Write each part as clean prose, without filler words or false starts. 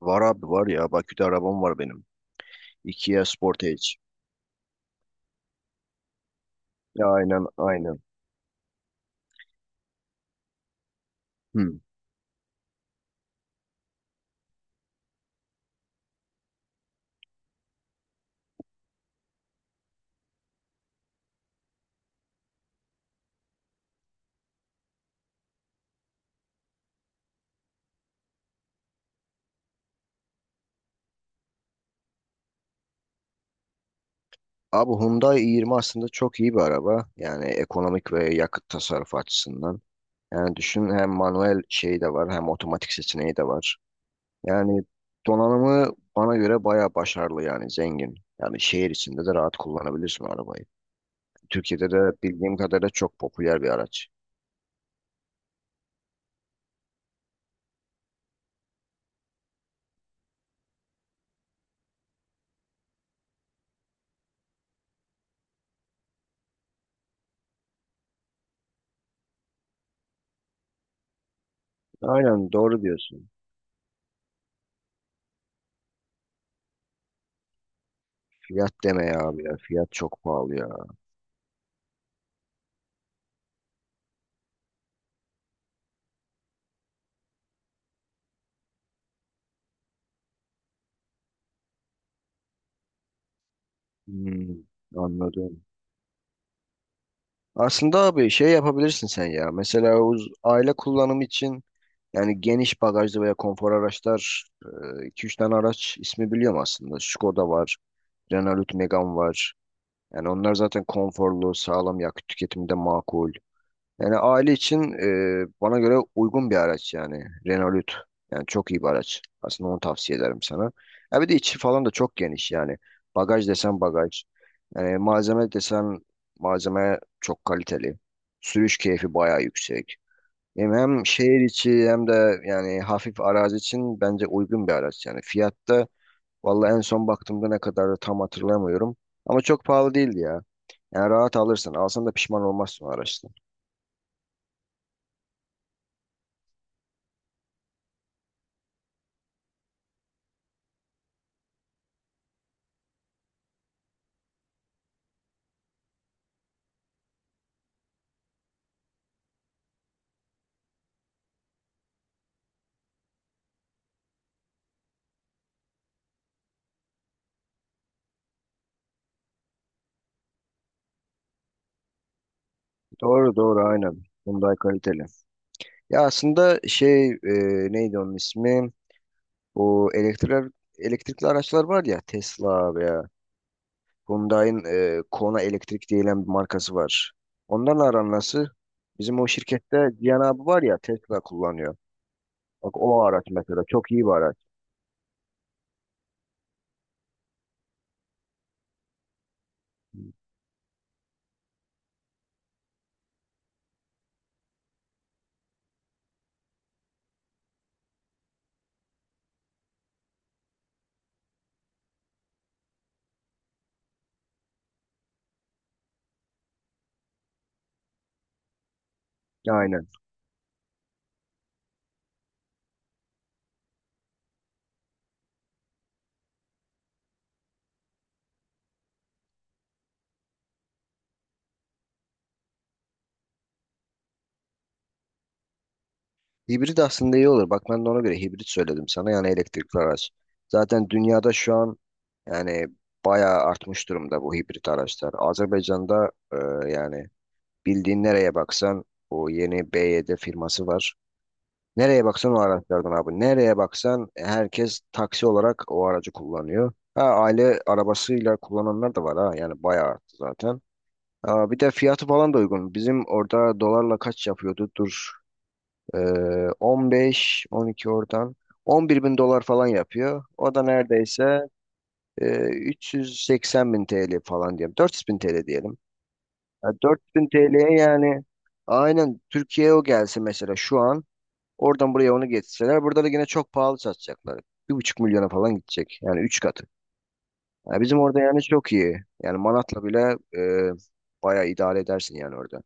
Var abi var ya. Bakü'de arabam var benim. Kia Sportage. Ya aynen aynen. Hmm. Abi Hyundai i20 aslında çok iyi bir araba. Yani ekonomik ve yakıt tasarrufu açısından. Yani düşün hem manuel şeyi de var hem otomatik seçeneği de var. Yani donanımı bana göre bayağı başarılı yani zengin. Yani şehir içinde de rahat kullanabilirsin arabayı. Türkiye'de de bildiğim kadarıyla çok popüler bir araç. Aynen doğru diyorsun. Fiyat deme ya abi ya. Fiyat çok pahalı ya. Hmm, anladım. Aslında abi şey yapabilirsin sen ya. Mesela aile kullanımı için yani geniş bagajlı veya konfor araçlar 2-3 tane araç ismi biliyorum aslında. Skoda var, Renault Megane var. Yani onlar zaten konforlu, sağlam yakıt tüketiminde makul. Yani aile için bana göre uygun bir araç yani. Renault. Yani çok iyi bir araç. Aslında onu tavsiye ederim sana. Ya bir de içi falan da çok geniş yani. Bagaj desen bagaj. Yani malzeme desen malzeme çok kaliteli. Sürüş keyfi bayağı yüksek. Hem, hem şehir içi hem de yani hafif arazi için bence uygun bir araç yani. Fiyatta vallahi en son baktığımda ne kadardı tam hatırlamıyorum. Ama çok pahalı değildi ya. Yani rahat alırsın. Alsan da pişman olmazsın o araçta. Doğru doğru aynen. Hyundai kaliteli. Ya aslında şey neydi onun ismi? Bu elektrikli araçlar var ya Tesla veya Hyundai'nin Kona Elektrik diyen bir markası var. Onlarla aran nasıl? Bizim o şirkette Cihan abi var ya Tesla kullanıyor. Bak o araç mesela çok iyi bir araç. Aynen. Hibrit aslında iyi olur. Bak ben de ona göre hibrit söyledim sana yani elektrikli araç. Zaten dünyada şu an. Yani bayağı artmış durumda bu hibrit araçlar. Azerbaycan'da yani bildiğin nereye baksan o yeni BYD firması var. Nereye baksan o araçlardan abi. Nereye baksan herkes taksi olarak o aracı kullanıyor. Ha, aile arabasıyla kullananlar da var ha. Yani bayağı arttı zaten. Ha, bir de fiyatı falan da uygun. Bizim orada dolarla kaç yapıyordu? Dur. E, 15, 12 oradan. 11 bin dolar falan yapıyor. O da neredeyse e, 380 bin TL falan diyelim. 400 bin TL diyelim. Ya 4000 TL'ye yani aynen Türkiye'ye o gelse mesela şu an oradan buraya onu getirseler burada da yine çok pahalı satacaklar. 1,5 milyona falan gidecek. Yani üç katı. Ya bizim orada yani çok iyi. Yani Manat'la bile e, bayağı idare edersin yani orada.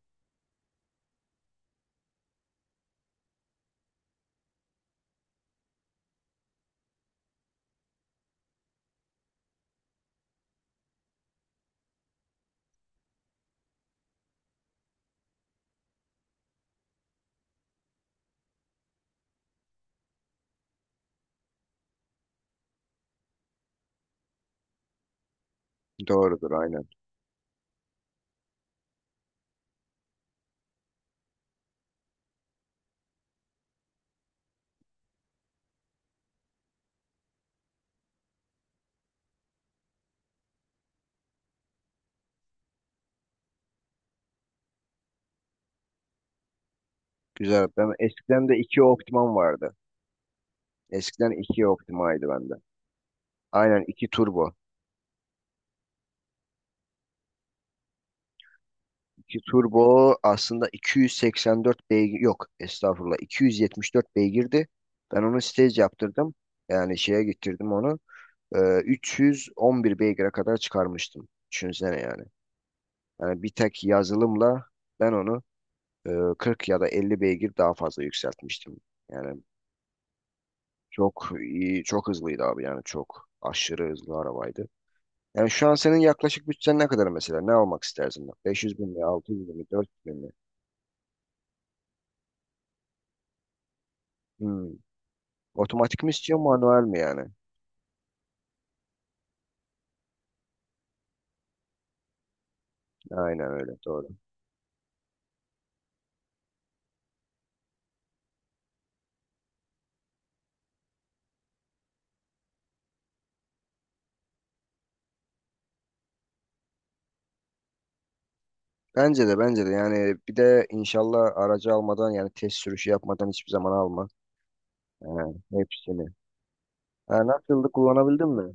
Doğrudur aynen. Güzel. Ben eskiden de iki Optima'm vardı. Eskiden iki Optima'ydı bende. Aynen iki turbo. 2 turbo aslında 284 beygir yok estağfurullah 274 beygirdi. Ben onu stage yaptırdım. Yani şeye getirdim onu. 311 beygire kadar çıkarmıştım. Düşünsene yani. Yani bir tek yazılımla ben onu e, 40 ya da 50 beygir daha fazla yükseltmiştim. Yani çok iyi, çok hızlıydı abi yani çok aşırı hızlı arabaydı. Yani şu an senin yaklaşık bütçen ne kadar mesela? Ne almak istersin? 500 bin mi? 600 bin mi? 400 bin mi? Hmm. Otomatik mi istiyor manuel mi yani? Aynen öyle doğru. Bence de bence de yani bir de inşallah aracı almadan yani test sürüşü yapmadan hiçbir zaman alma. Yani hepsini. Ha, nasıldı kullanabildin mi?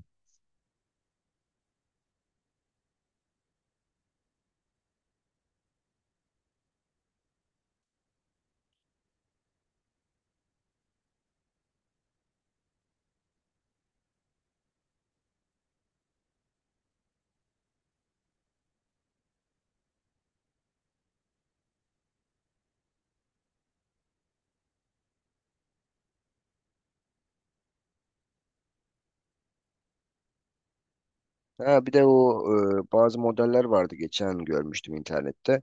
Ha, bir de o bazı modeller vardı geçen görmüştüm internette.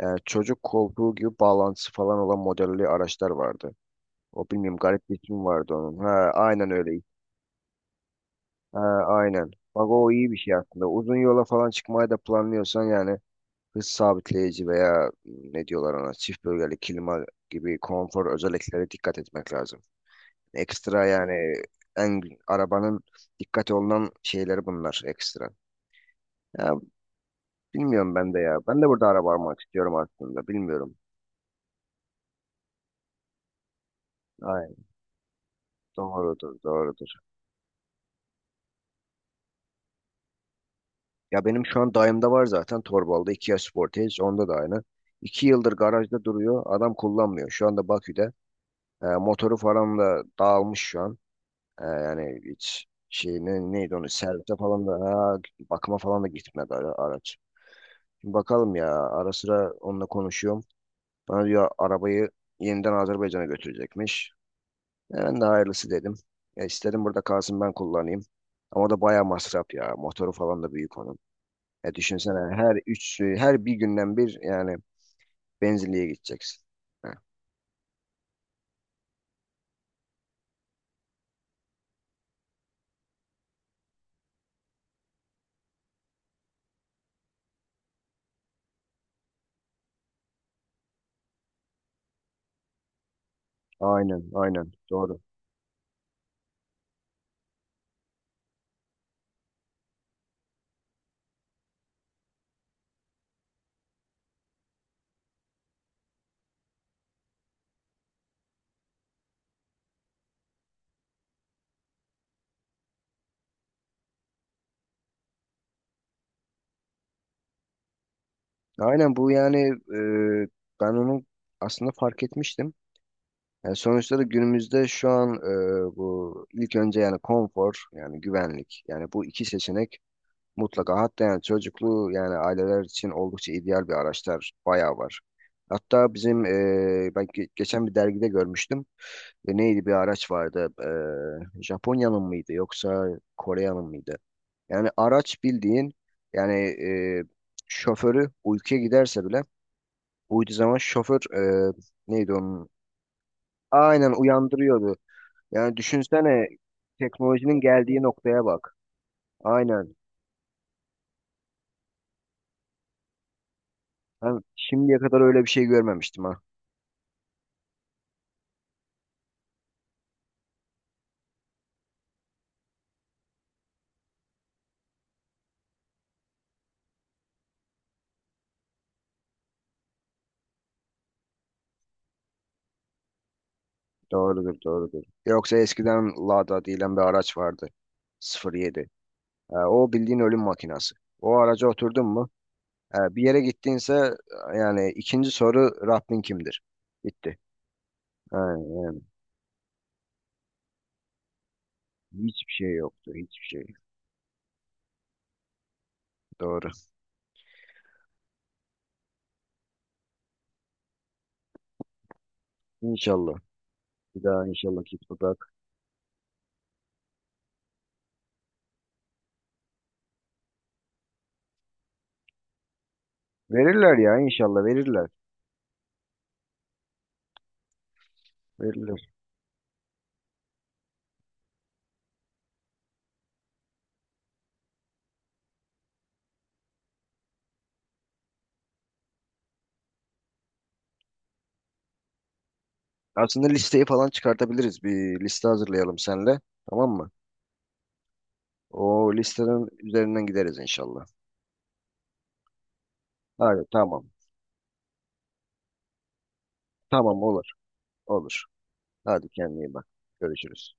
Yani çocuk koltuğu gibi bağlantısı falan olan modelli araçlar vardı. O bilmiyorum garip bir ismi vardı onun. Ha, aynen öyle. Ha, aynen. Bak o iyi bir şey aslında. Uzun yola falan çıkmayı da planlıyorsan yani hız sabitleyici veya ne diyorlar ona çift bölgeli klima gibi konfor özelliklere dikkat etmek lazım. Ekstra yani en arabanın dikkat olunan şeyleri bunlar ekstra. Ya bilmiyorum ben de ya. Ben de burada araba almak istiyorum aslında. Bilmiyorum. Aynen. Doğrudur, doğrudur. Ya benim şu an dayımda var zaten Torbalı'da Kia Sportage. Onda da aynı. 2 yıldır garajda duruyor. Adam kullanmıyor. Şu anda Bakü'de. Motoru falan da dağılmış şu an. Yani hiç şey neydi onu servise falan da ha, bakıma falan da gitmedi araç. Şimdi bakalım ya ara sıra onunla konuşuyorum. Bana diyor arabayı yeniden Azerbaycan'a götürecekmiş. Ben de hayırlısı dedim. İstedim burada kalsın ben kullanayım. Ama o da bayağı masraf ya. Motoru falan da büyük onun. Düşünsene her üç, her bir günden bir yani benzinliğe gideceksin. Heh, aynen, aynen. Doğru. Aynen bu yani e, ben onu aslında fark etmiştim. Yani sonuçta da günümüzde şu an bu ilk önce yani konfor yani güvenlik yani bu iki seçenek mutlaka hatta yani çocuklu yani aileler için oldukça ideal bir araçlar bayağı var. Hatta bizim ben geçen bir dergide görmüştüm. Neydi bir araç vardı Japonya'nın mıydı yoksa Kore'nin mıydı? Yani araç bildiğin yani e, şoförü uykuya giderse bile uyuduğu zaman şoför neydi onun? Aynen uyandırıyordu. Yani düşünsene teknolojinin geldiği noktaya bak. Aynen. Ben şimdiye kadar öyle bir şey görmemiştim ha. Doğrudur, doğrudur. Yoksa eskiden Lada diyen bir araç vardı. 07. O bildiğin ölüm makinası. O araca oturdun mu? Bir yere gittiğinse yani ikinci soru Rabbin kimdir? Bitti. Aynen. Yani. Hiçbir şey yoktu. Hiçbir şey. Doğru. İnşallah. Bir daha inşallah git bak. Verirler ya inşallah verirler. Verirler. Aslında listeyi falan çıkartabiliriz. Bir liste hazırlayalım senle. Tamam mı? O listenin üzerinden gideriz inşallah. Hadi tamam. Tamam olur. Olur. Hadi kendine iyi bak. Görüşürüz.